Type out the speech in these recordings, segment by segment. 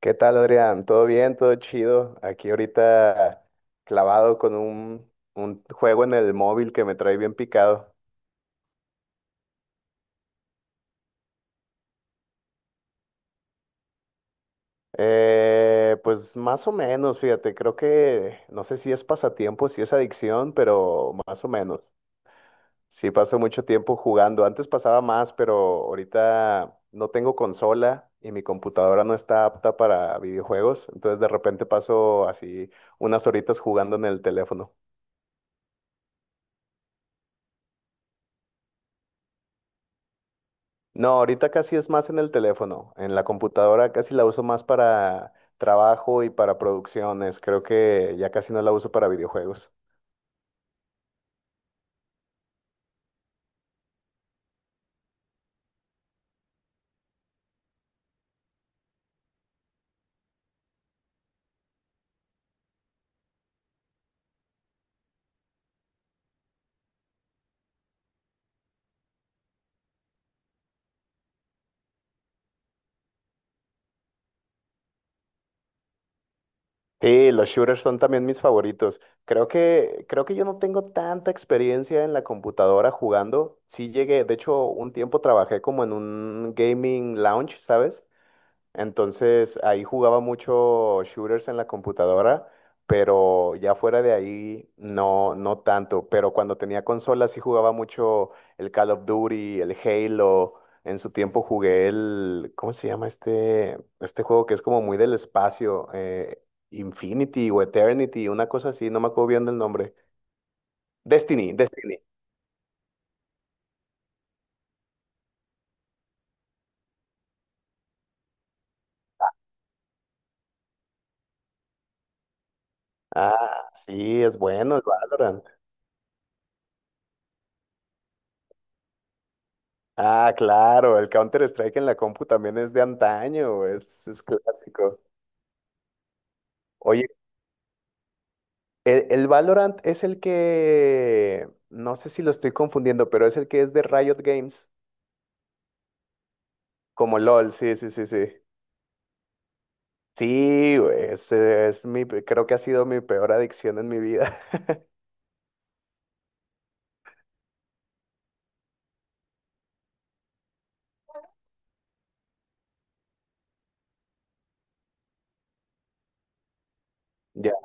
¿Qué tal, Adrián? ¿Todo bien? ¿Todo chido? Aquí ahorita clavado con un juego en el móvil que me trae bien picado. Pues más o menos, fíjate, creo que no sé si es pasatiempo, si es adicción, pero más o menos. Sí paso mucho tiempo jugando. Antes pasaba más, pero ahorita no tengo consola y mi computadora no está apta para videojuegos. Entonces de repente paso así unas horitas jugando en el teléfono. No, ahorita casi es más en el teléfono, en la computadora casi la uso más para trabajo y para producciones. Creo que ya casi no la uso para videojuegos. Sí, los shooters son también mis favoritos. Creo que yo no tengo tanta experiencia en la computadora jugando. Sí llegué, de hecho, un tiempo trabajé como en un gaming lounge, ¿sabes? Entonces ahí jugaba mucho shooters en la computadora, pero ya fuera de ahí no, no tanto. Pero cuando tenía consolas sí jugaba mucho el Call of Duty, el Halo. En su tiempo jugué el, ¿cómo se llama este juego que es como muy del espacio? Infinity o Eternity, una cosa así, no me acuerdo bien del nombre. Destiny, Destiny. Ah, sí, es bueno el Valorant. Ah, claro, el Counter-Strike en la compu también es de antaño, es clásico. Oye, el Valorant es el que, no sé si lo estoy confundiendo, pero es el que es de Riot Games, como LOL, sí, sí, sí, sí. Sí, güey, ese es, mi, pe- creo que ha sido mi peor adicción en mi vida. Ya.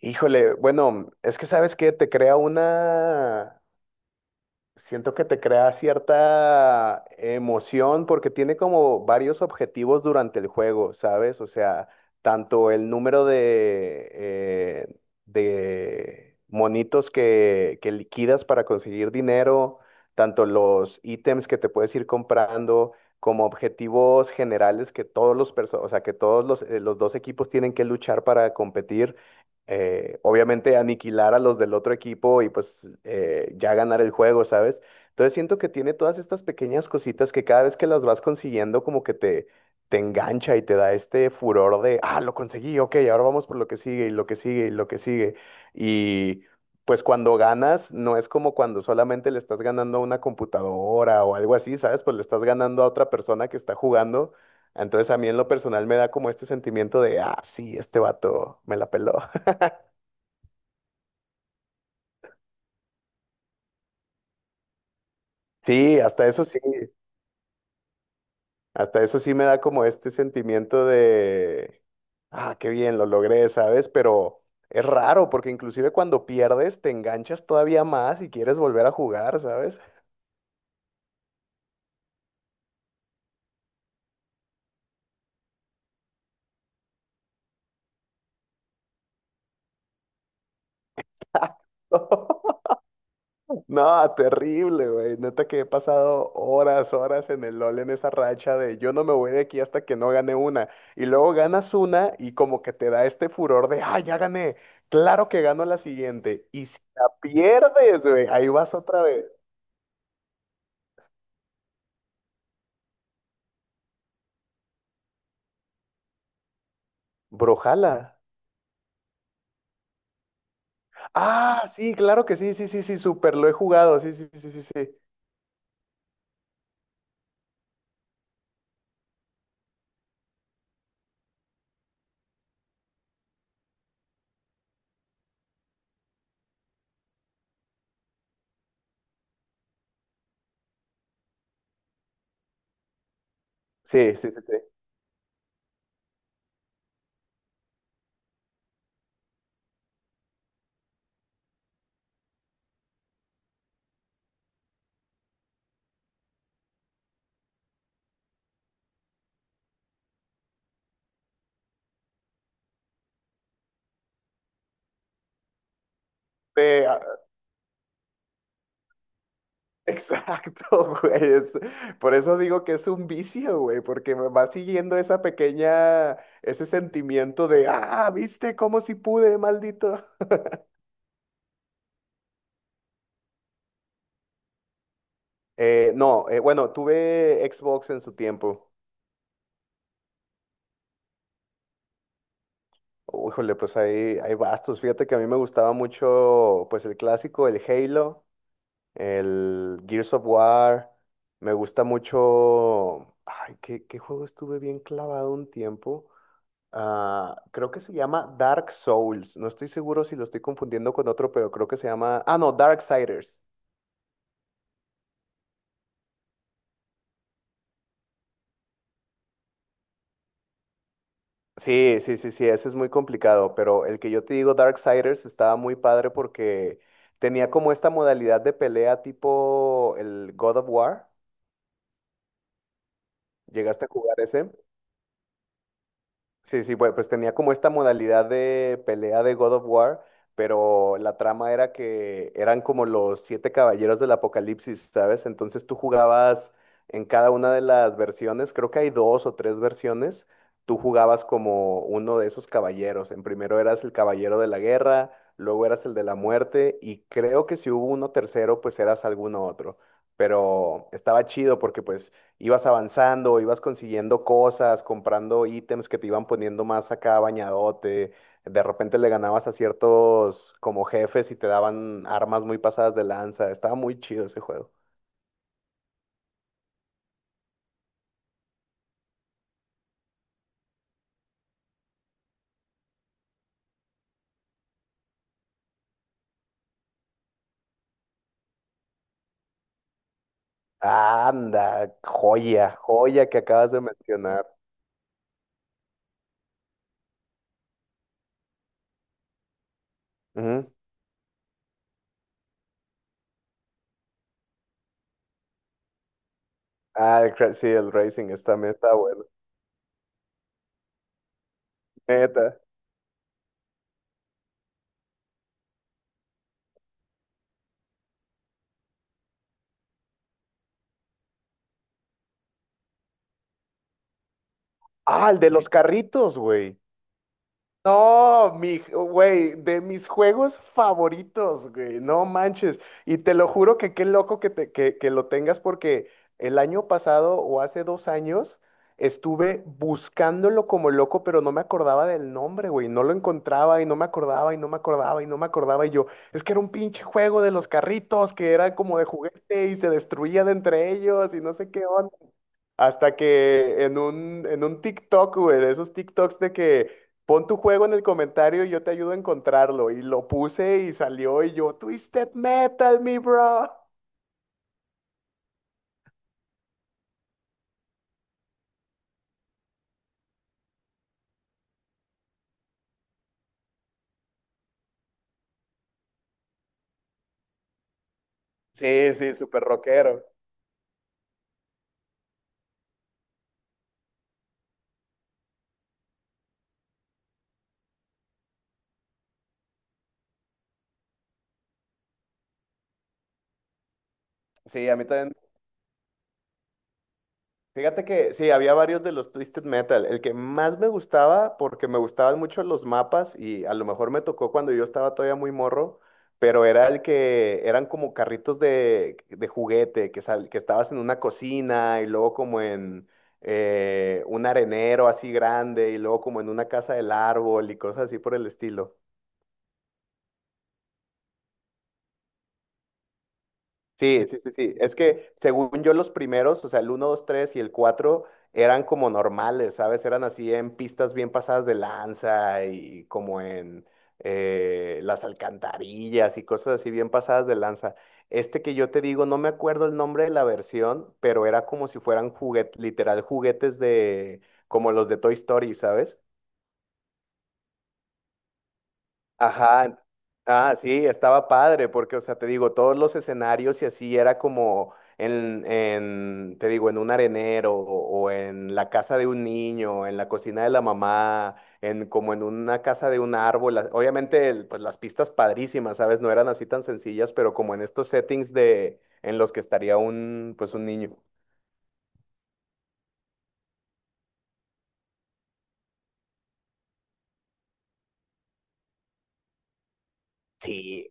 Híjole, bueno, es que sabes que te crea una, siento que te crea cierta emoción porque tiene como varios objetivos durante el juego, ¿sabes? O sea, tanto el número de monitos que liquidas para conseguir dinero, tanto los ítems que te puedes ir comprando, como objetivos generales que todos los perso- o sea, que todos los dos equipos tienen que luchar para competir, obviamente aniquilar a los del otro equipo, y pues ya ganar el juego, ¿sabes? Entonces siento que tiene todas estas pequeñas cositas que cada vez que las vas consiguiendo como que te engancha y te da este furor de, ah, lo conseguí, ok, ahora vamos por lo que sigue y lo que sigue y lo que sigue. Y pues cuando ganas, no es como cuando solamente le estás ganando a una computadora o algo así, ¿sabes? Pues le estás ganando a otra persona que está jugando. Entonces a mí en lo personal me da como este sentimiento de, ah, sí, este vato me la peló. Sí, hasta eso sí me da como este sentimiento de, ah, qué bien, lo logré, ¿sabes? Pero es raro porque inclusive cuando pierdes te enganchas todavía más y quieres volver a jugar, ¿sabes? No, terrible, güey. Neta que he pasado horas, horas en el LOL en esa racha de yo no me voy de aquí hasta que no gane una. Y luego ganas una y como que te da este furor de, ah, ya gané. Claro que gano la siguiente. Y si la pierdes, güey, ahí vas otra vez. Brojala. Ah, sí, claro que sí, sí, sí, sí, súper, lo he jugado, sí, sí, sí, sí, sí. Sí, sí, sí, sí. Sí, ah, exacto, güey. Por eso digo que es un vicio, güey, porque me va siguiendo esa pequeña, ese sentimiento de, ah, viste, cómo si pude, maldito. No, bueno, tuve Xbox en su tiempo. Híjole, pues ahí hay bastos. Fíjate que a mí me gustaba mucho, pues el clásico, el Halo. El Gears of War. Me gusta mucho. Ay, ¿qué juego estuve bien clavado un tiempo? Ah, creo que se llama Dark Souls. No estoy seguro si lo estoy confundiendo con otro, pero creo que se llama. Ah, no, Darksiders. Sí, sí, sí, sí, ese es muy complicado, pero el que yo te digo, Darksiders, estaba muy padre porque tenía como esta modalidad de pelea tipo el God of War. ¿Llegaste a jugar ese? Sí, sí, pues, pues tenía como esta modalidad de pelea de God of War, pero la trama era que eran como los siete caballeros del Apocalipsis, ¿sabes? Entonces tú jugabas en cada una de las versiones, creo que hay dos o tres versiones, tú jugabas como uno de esos caballeros. En primero eras el caballero de la guerra, luego eras el de la muerte, y creo que si hubo uno tercero, pues eras alguno otro. Pero estaba chido porque pues ibas avanzando, ibas consiguiendo cosas, comprando ítems que te iban poniendo más acá bañadote. De repente le ganabas a ciertos como jefes y te daban armas muy pasadas de lanza. Estaba muy chido ese juego. Anda, joya, joya que acabas de mencionar. Ujú. Ah, sí, el Racing está bueno. Neta. Ah, el de los carritos, güey. No, mi, güey, de mis juegos favoritos, güey, no manches. Y te lo juro que qué loco que lo tengas, porque el año pasado o hace dos años estuve buscándolo como loco, pero no me acordaba del nombre, güey. No lo encontraba y no me acordaba y no me acordaba y no me acordaba. Y yo, es que era un pinche juego de los carritos que era como de juguete y se destruían entre ellos y no sé qué, hasta que en un TikTok, güey, de esos TikToks de que pon tu juego en el comentario y yo te ayudo a encontrarlo. Y lo puse y salió y yo, Twisted Metal, mi bro. Sí, sí, súper rockero. Sí, a mí también. Fíjate que sí, había varios de los Twisted Metal. El que más me gustaba, porque me gustaban mucho los mapas y a lo mejor me tocó cuando yo estaba todavía muy morro, pero era el que eran como carritos de juguete, que estabas en una cocina y luego como en, un arenero así grande y luego como en una casa del árbol y cosas así por el estilo. Sí, sí, sí, sí. Es que según yo los primeros, o sea, el uno, 2, 3 y el 4 eran como normales, ¿sabes? Eran así en pistas bien pasadas de lanza y como en, las alcantarillas y cosas así bien pasadas de lanza. Este que yo te digo, no me acuerdo el nombre de la versión, pero era como si fueran juguetes, literal juguetes de, como los de Toy Story, ¿sabes? Ajá, ah, sí, estaba padre, porque, o sea, te digo, todos los escenarios y así era como en, te digo, en un arenero o en la casa de un niño, en la cocina de la mamá, en como en una casa de un árbol. Obviamente, pues las pistas padrísimas, ¿sabes? No eran así tan sencillas, pero como en estos settings de, en los que estaría un niño. Sí,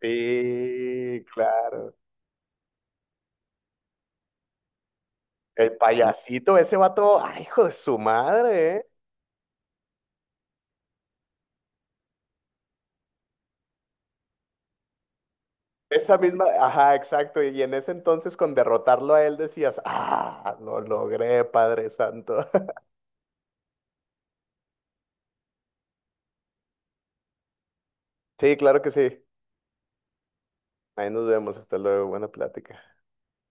sí, claro. El payasito, ese vato, ay, hijo de su madre, ¿eh? Esa misma, ajá, exacto. Y en ese entonces con derrotarlo a él decías, ah, lo logré, Padre Santo. Sí, claro que sí. Ahí nos vemos. Hasta luego. Buena plática.